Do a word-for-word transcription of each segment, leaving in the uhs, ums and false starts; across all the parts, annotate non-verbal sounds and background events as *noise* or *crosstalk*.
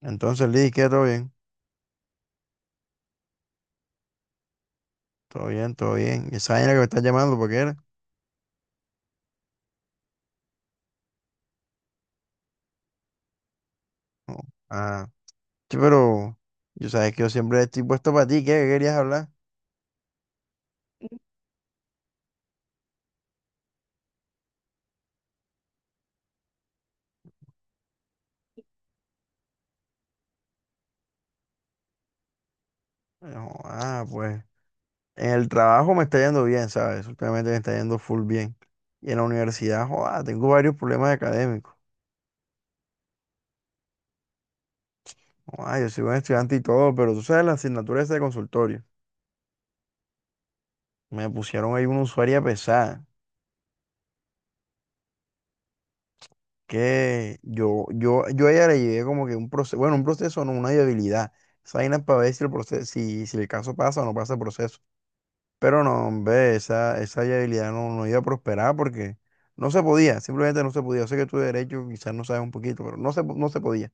Entonces, Liz, ¿qué? ¿Todo bien? Todo bien, todo bien. ¿Y esa vaina que me estás llamando, por qué era? Ah, sí, pero yo sabes que yo siempre estoy puesto para ti, ¿qué? ¿Qué querías hablar? No, ah, pues en el trabajo me está yendo bien, ¿sabes? Últimamente me está yendo full bien. Y en la universidad, joda, tengo varios problemas académicos. Ah, yo soy buen estudiante y todo, pero tú sabes la asignatura esa de consultorio. Me pusieron ahí una usuaria pesada. Que yo, yo, yo a ella le llevé como que un proceso, bueno, un proceso, no, una viabilidad. Esa vaina es para ver si el proceso, si, si el caso pasa o no pasa el proceso. Pero no, hombre, esa, esa viabilidad no, no iba a prosperar porque no se podía, simplemente no se podía. Yo sé que tu derecho quizás no sabes un poquito, pero no se, po- no se podía.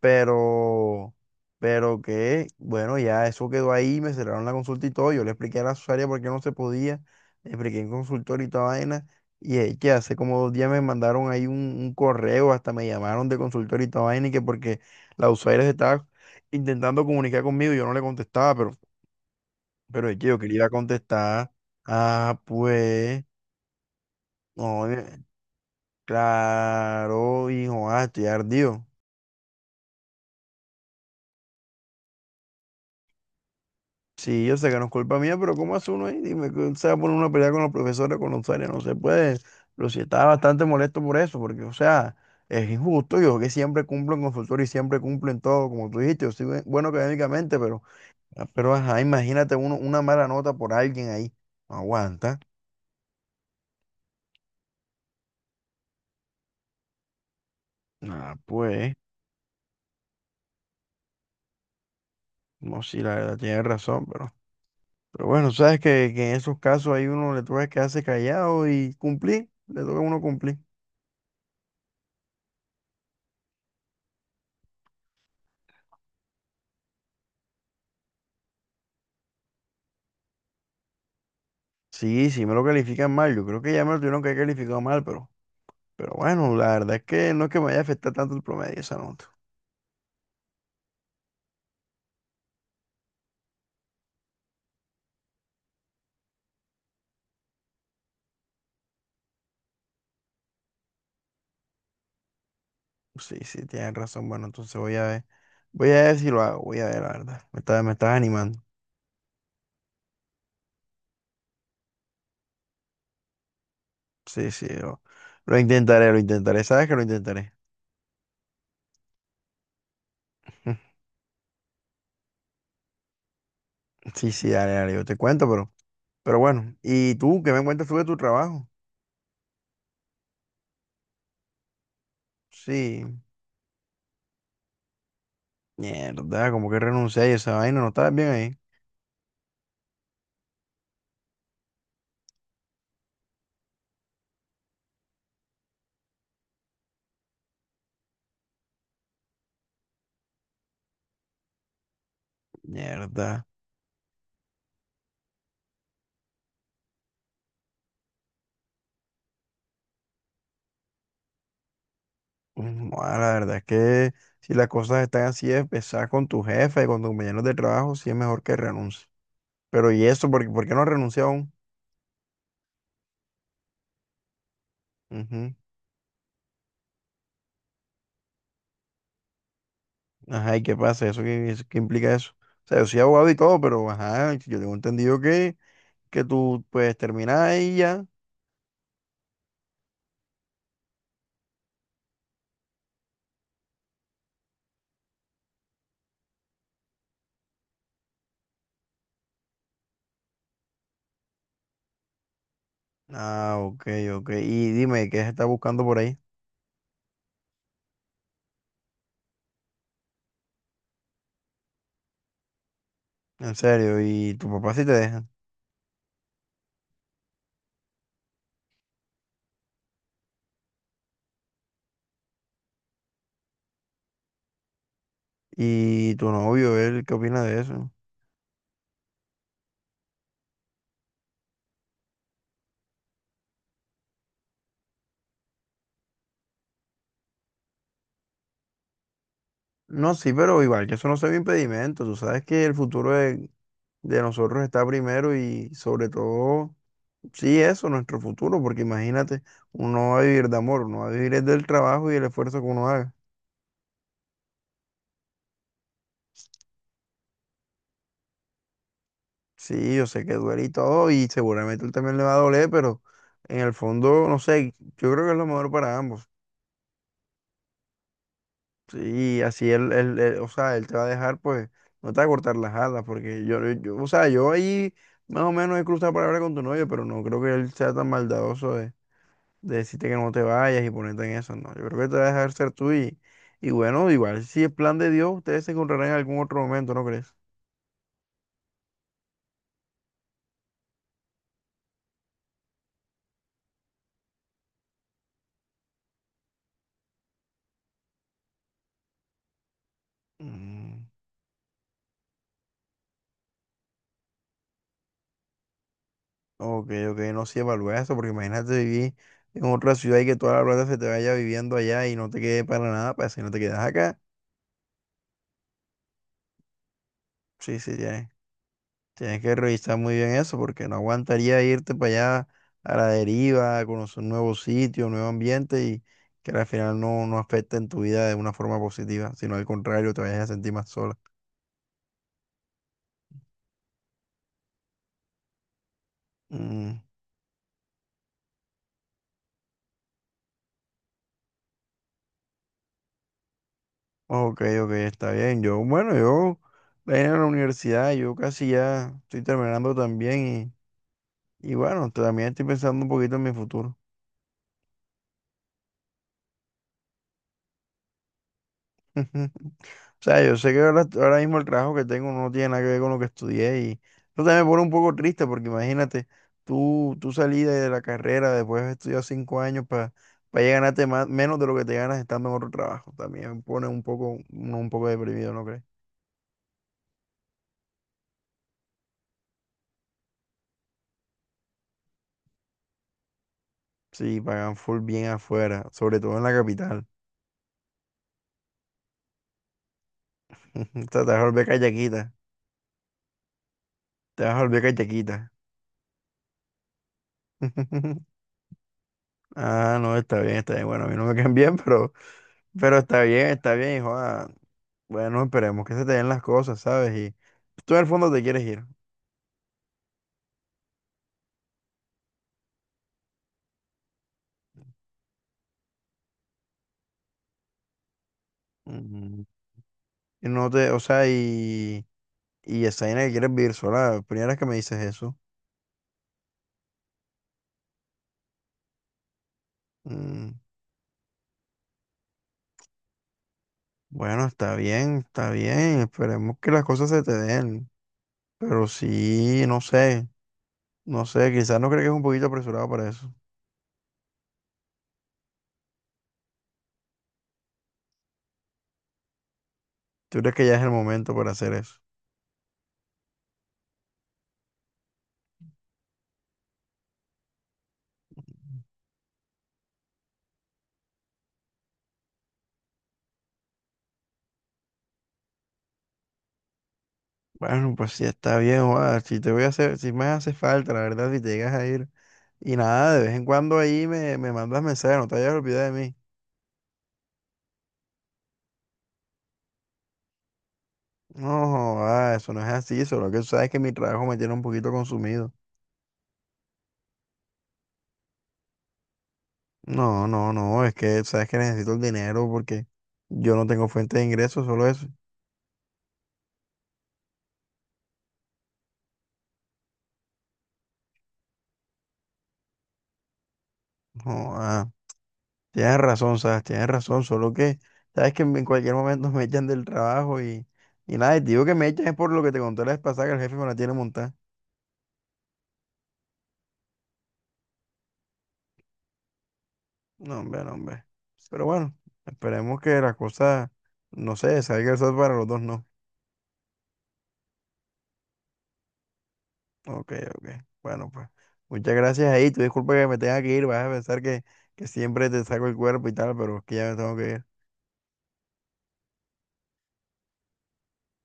Pero, pero que, bueno, ya eso quedó ahí, me cerraron la consulta y todo. Yo le expliqué a la usuaria por qué no se podía, le expliqué en consultorio y toda vaina, y es que hace como dos días me mandaron ahí un, un correo, hasta me llamaron de consultorio y toda vaina, y que porque la usuaria se estaba intentando comunicar conmigo, y yo no le contestaba, pero, pero es que yo quería ir a contestar, ah, pues, no, eh, claro, hijo, ah, estoy ardido. Sí, yo sé que no es culpa mía, pero ¿cómo hace uno ahí? Dime, que se va a poner una pelea con los profesores, con los usuarios, no se puede. Pero sí estaba bastante molesto por eso, porque, o sea, es injusto. Yo que siempre cumplo en consultorio y siempre cumplo en todo, como tú dijiste, yo soy buen- bueno académicamente, pero, ah, pero ajá, imagínate uno, una mala nota por alguien ahí. No aguanta. Nada, pues, no, sí, la verdad, tienes razón, pero, pero bueno, sabes que, que en esos casos ahí uno le toca quedarse callado y cumplir, le toca a uno cumplir. Sí, sí me lo califican mal. Yo creo que ya me lo tuvieron que haber calificado mal, pero, pero bueno, la verdad es que no es que me vaya a afectar tanto el promedio esa nota. Sí, sí, tienes razón. Bueno, entonces voy a ver. Voy a ver si lo hago, voy a ver, la verdad. Me estás, me estás animando. Sí, sí, lo, lo intentaré, lo intentaré. Sabes que lo intentaré. *laughs* Sí, sí, dale, dale, yo te cuento, pero, pero bueno. ¿Y tú qué me cuentas tú de tu trabajo? Sí, mierda, como que renuncié a esa vaina, no estabas bien ahí. Mierda. Mm, ah, la verdad es que si las cosas están así, de pesar con tu jefe, con tus compañeros de trabajo, sí es mejor que renuncies. Pero ¿y eso? ¿Por, qué por qué no renuncia aún? Ujú. Ajá, ¿y qué pasa? ¿Eso qué, eso qué implica eso? O sea, yo soy abogado y todo, pero ajá, yo tengo entendido que, que tú puedes terminar ahí ya. Ah, ok, ok. Y dime, ¿qué se está buscando por ahí? En serio, ¿y tu papá sí te deja? ¿Y tu novio, él, qué opina de eso? No, sí, pero igual que eso no sea un impedimento. Tú sabes que el futuro es de nosotros está primero y sobre todo, sí, eso, nuestro futuro, porque imagínate, uno no va a vivir de amor, uno va a vivir es del trabajo y el esfuerzo que uno haga. Sí, yo sé que duele y todo, y seguramente él también le va a doler, pero en el fondo, no sé, yo creo que es lo mejor para ambos. Sí, así él, él, él, o sea, él te va a dejar, pues, no te va a cortar las alas, porque yo, yo- o sea, yo ahí más o menos he cruzado palabra con tu novio, pero no creo que él sea tan maldadoso de decirte que no te vayas y ponerte en eso, no. Yo creo que te va a dejar ser tú y, y bueno, igual si es plan de Dios, ustedes se encontrarán en algún otro momento, ¿no crees? Mm, ok, ok, no sé, evalúa eso, porque imagínate vivir en otra ciudad y que toda la plata se te vaya viviendo allá y no te quede para nada, para si no te quedas acá. Sí, sí, tienes, tienes que revisar muy bien eso, porque no aguantaría irte para allá a la deriva, a conocer un nuevo sitio, un nuevo ambiente y que al final no, no afecte en tu vida de una forma positiva, sino al contrario, te vayas a sentir más sola. Mm, ok, ok, está bien. Yo, bueno, yo vine a la universidad, yo casi ya estoy terminando también y, y bueno, también estoy pensando un poquito en mi futuro. *laughs* O sea, yo sé que ahora, ahora mismo el trabajo que tengo no tiene nada que ver con lo que estudié y eso también me pone un poco triste porque imagínate, tú, tú salí de la carrera después de estudiar cinco años para para ganarte más, menos de lo que te ganas estando en otro trabajo. También me pone un poco, un, un poco deprimido, ¿no crees? Sí, pagan full bien afuera, sobre todo en la capital. *laughs* O sea, te vas a volver callaquita. Te vas a volver callaquita. *laughs* Ah, no, está bien, está bien. Bueno, a mí no me caen bien, pero, pero está bien, está bien, hijo. Ah, Bueno, esperemos que se te den las cosas, ¿sabes? Y tú en el fondo te quieres ir. Ujú. Y no te, o sea, y, y esa vaina que quieres vivir sola, la primera vez que me dices eso. Mm, Bueno, está bien, está bien. Esperemos que las cosas se te den. Pero sí, no sé, no sé, quizás no crees que es un poquito apresurado para eso. ¿Tú crees que ya es el momento para hacer eso? Bueno, pues sí, está bien, joda. Si te voy a hacer, si me hace falta, la verdad, si te llegas a ir. Y nada, de vez en cuando ahí me, me mandas mensajes, no te vayas a olvidar de mí. No, joda, eso no es así, solo que tú sabes que mi trabajo me tiene un poquito consumido. No, no, no, es que sabes que necesito el dinero porque yo no tengo fuente de ingresos, solo eso. No, ah, tienes razón, sabes, tienes razón, solo que sabes que en cualquier momento *laughs* me echan del trabajo y, y nada, y te digo que me echan es por lo que te conté la vez pasada que el jefe me la tiene montada. No, hombre, no, hombre. Pero bueno, esperemos que la cosa, no sé, salga el sol para los dos, no. Ok, ok. Bueno, pues. Muchas gracias ahí. Tu disculpa que me tenga que ir. Vas a pensar que, que siempre te saco el cuerpo y tal, pero es que ya me tengo que ir.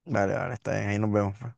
Vale, vale, está bien. Ahí nos vemos. Pues.